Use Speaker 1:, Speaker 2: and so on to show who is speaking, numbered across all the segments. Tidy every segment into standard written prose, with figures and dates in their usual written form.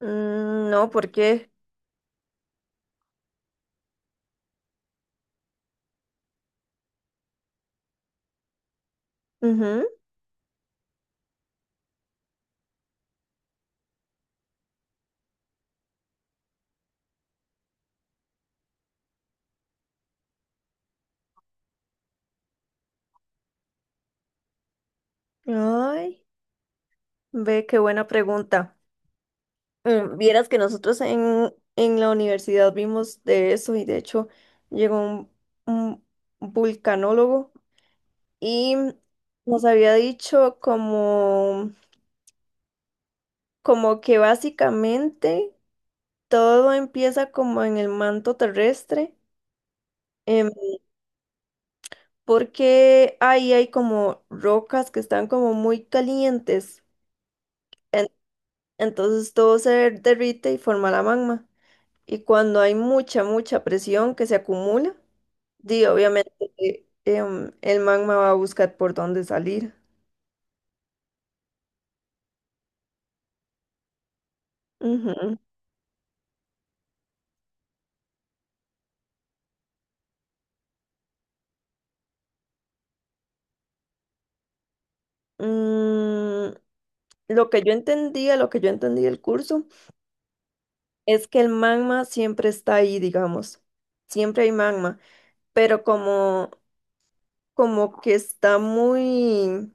Speaker 1: No, porque ay, ve qué buena pregunta. Vieras que nosotros en la universidad vimos de eso, y de hecho llegó un vulcanólogo y nos había dicho como, como que básicamente todo empieza como en el manto terrestre, em, porque ahí hay como rocas que están como muy calientes. Entonces todo se derrite y forma la magma. Y cuando hay mucha presión que se acumula, di, obviamente el magma va a buscar por dónde salir. Ujú. Mm, lo que yo entendía, lo que yo entendí del curso, es que el magma siempre está ahí, digamos. Siempre hay magma, pero como, como que está muy,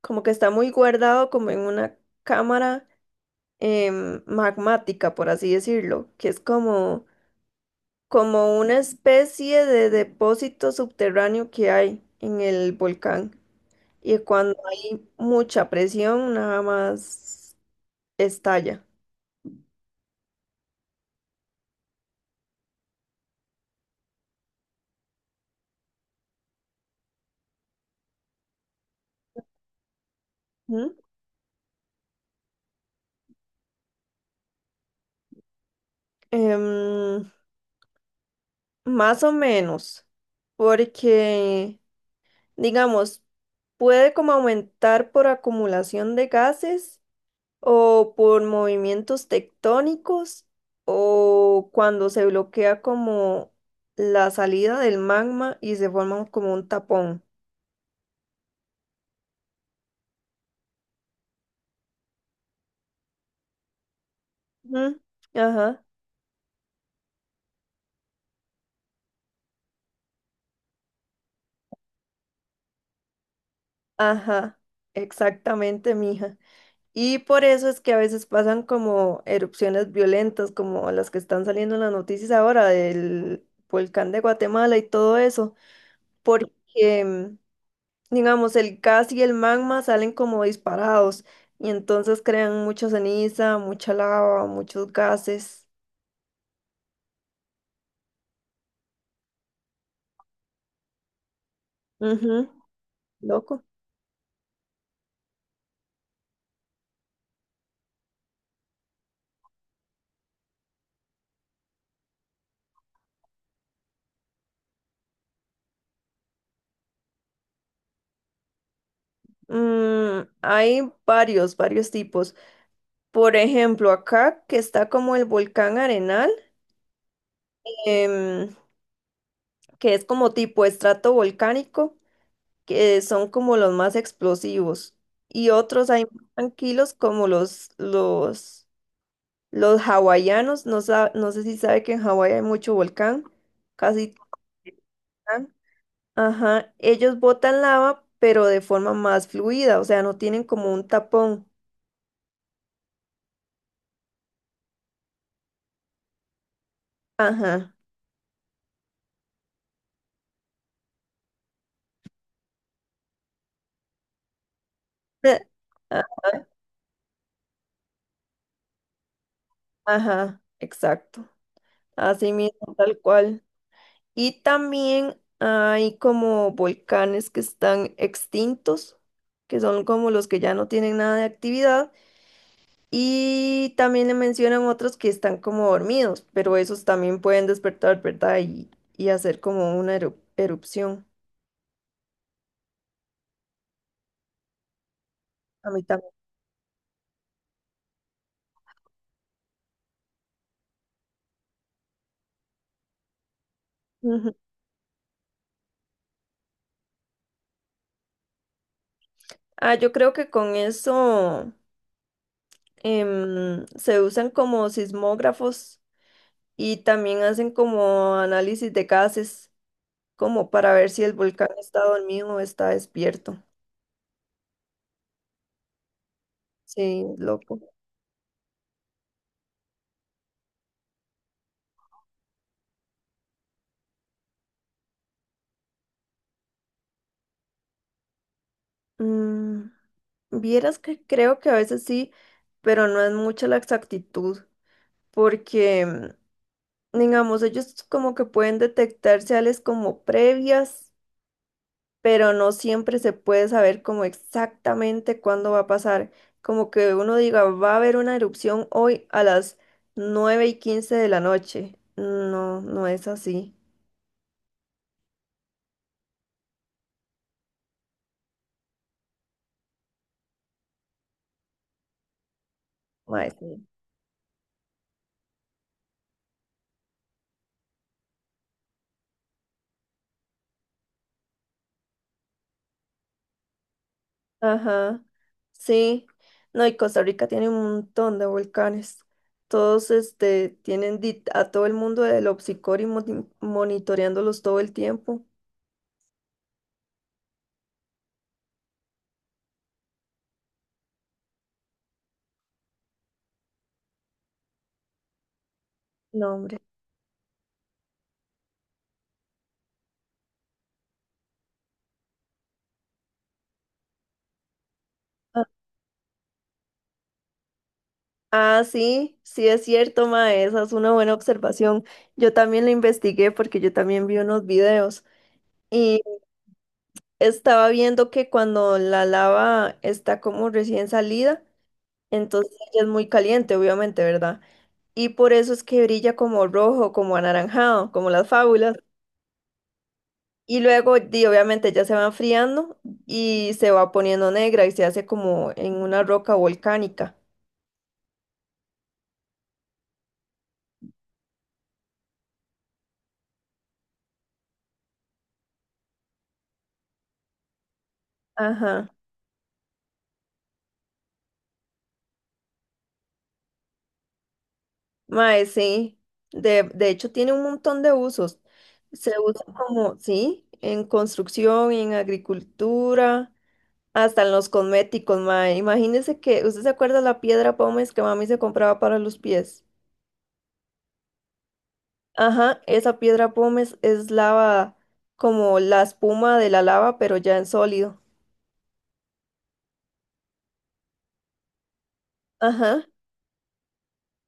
Speaker 1: como que está muy guardado como en una cámara magmática, por así decirlo, que es como, como una especie de depósito subterráneo que hay en el volcán. Y cuando hay mucha presión, nada más estalla. ¿Mm? Em, más o menos, porque, digamos, puede como aumentar por acumulación de gases o por movimientos tectónicos o cuando se bloquea como la salida del magma y se forma como un tapón. Ujú, ajá, ajá, exactamente, mija. Y por eso es que a veces pasan como erupciones violentas, como las que están saliendo en las noticias ahora del volcán de Guatemala y todo eso, porque digamos, el gas y el magma salen como disparados y entonces crean mucha ceniza, mucha lava, muchos gases. Ujú, loco. Hay varios tipos. Por ejemplo, acá que está como el volcán Arenal, em, que es como tipo estrato volcánico, que son como los más explosivos. Y otros hay más tranquilos como los, los hawaianos, no, no sé si sabe que en Hawái hay mucho volcán, casi todo volcán. Ajá, ellos botan lava, pero de forma más fluida, o sea, no tienen como un tapón. Ajá. A- Ajá, exacto. Así mismo, tal cual. Y también hay como volcanes que están extintos, que son como los que ya no tienen nada de actividad. Y también le mencionan otros que están como dormidos, pero esos también pueden despertar, ¿verdad? Y hacer como una erupción. A mí también. Ujú. Ah, yo creo que con eso se usan como sismógrafos, y también hacen como análisis de gases, como para ver si el volcán está dormido o está despierto. Sí, loco. Mm, vieras que creo que a veces sí, pero no es mucha la exactitud, porque digamos, ellos como que pueden detectar seales como previas, pero no siempre se puede saber como exactamente cuándo va a pasar. Como que uno diga, va a haber una erupción hoy a las 9:15 de la noche. No, no es así. Mae, sí. Ajá, sí. No, y Costa Rica tiene un montón de volcanes. Todos este, tienen a todo el mundo del obsicor y monitoreándolos todo el tiempo. No, hombre. Ah, sí, sí es cierto, ma, esa es una buena observación. Yo también la investigué porque yo también vi unos videos, y estaba viendo que cuando la lava está como recién salida, entonces ella es muy caliente, obviamente, ¿verdad? Y por eso es que brilla como rojo, como anaranjado, como las fábulas. Y luego, di, obviamente, ya se va enfriando y se va poniendo negra y se hace como en una roca volcánica. Ajá. Mae, sí. De hecho, tiene un montón de usos. Se usa como, sí, en construcción, en agricultura, hasta en los cosméticos, mae. Imagínese que, ¿usted se acuerda la piedra pómez que mami se compraba para los pies? Ajá, esa piedra pómez es lava, como la espuma de la lava, pero ya en sólido. Ajá.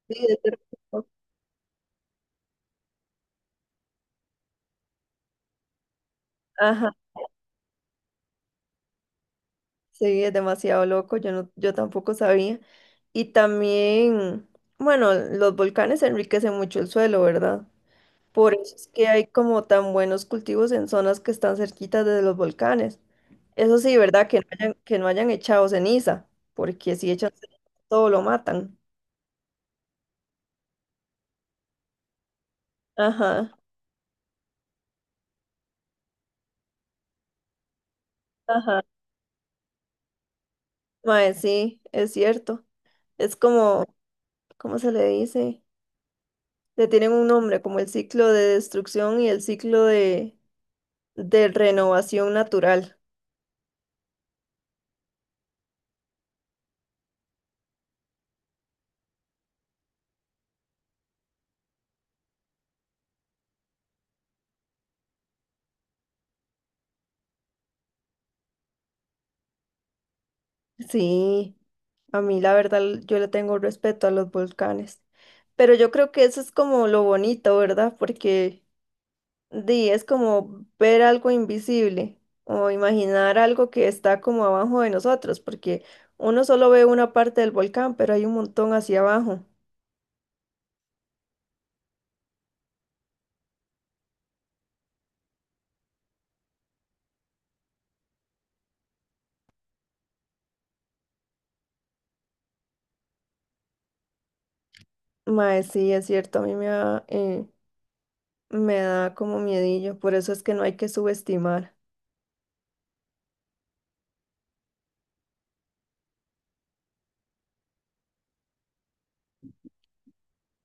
Speaker 1: Sí, es de- Ajá. Sí, es demasiado loco, yo no, yo tampoco sabía. Y también, bueno, los volcanes enriquecen mucho el suelo, ¿verdad? Por eso es que hay como tan buenos cultivos en zonas que están cerquitas de los volcanes. Eso sí, ¿verdad? Que no hayan echado ceniza, porque si echan ceniza, todo lo matan. Ajá, ajá. Mae, sí, es cierto. Es como, ¿cómo se le dice? Le tienen un nombre, como el ciclo de destrucción y el ciclo de renovación natural. Sí, a mí la verdad yo le tengo respeto a los volcanes. Pero yo creo que eso es como lo bonito, ¿verdad? Porque di, es como ver algo invisible o imaginar algo que está como abajo de nosotros, porque uno solo ve una parte del volcán, pero hay un montón hacia abajo. Mae, sí, es cierto, a mí me da como miedillo, por eso es que no hay que subestimar.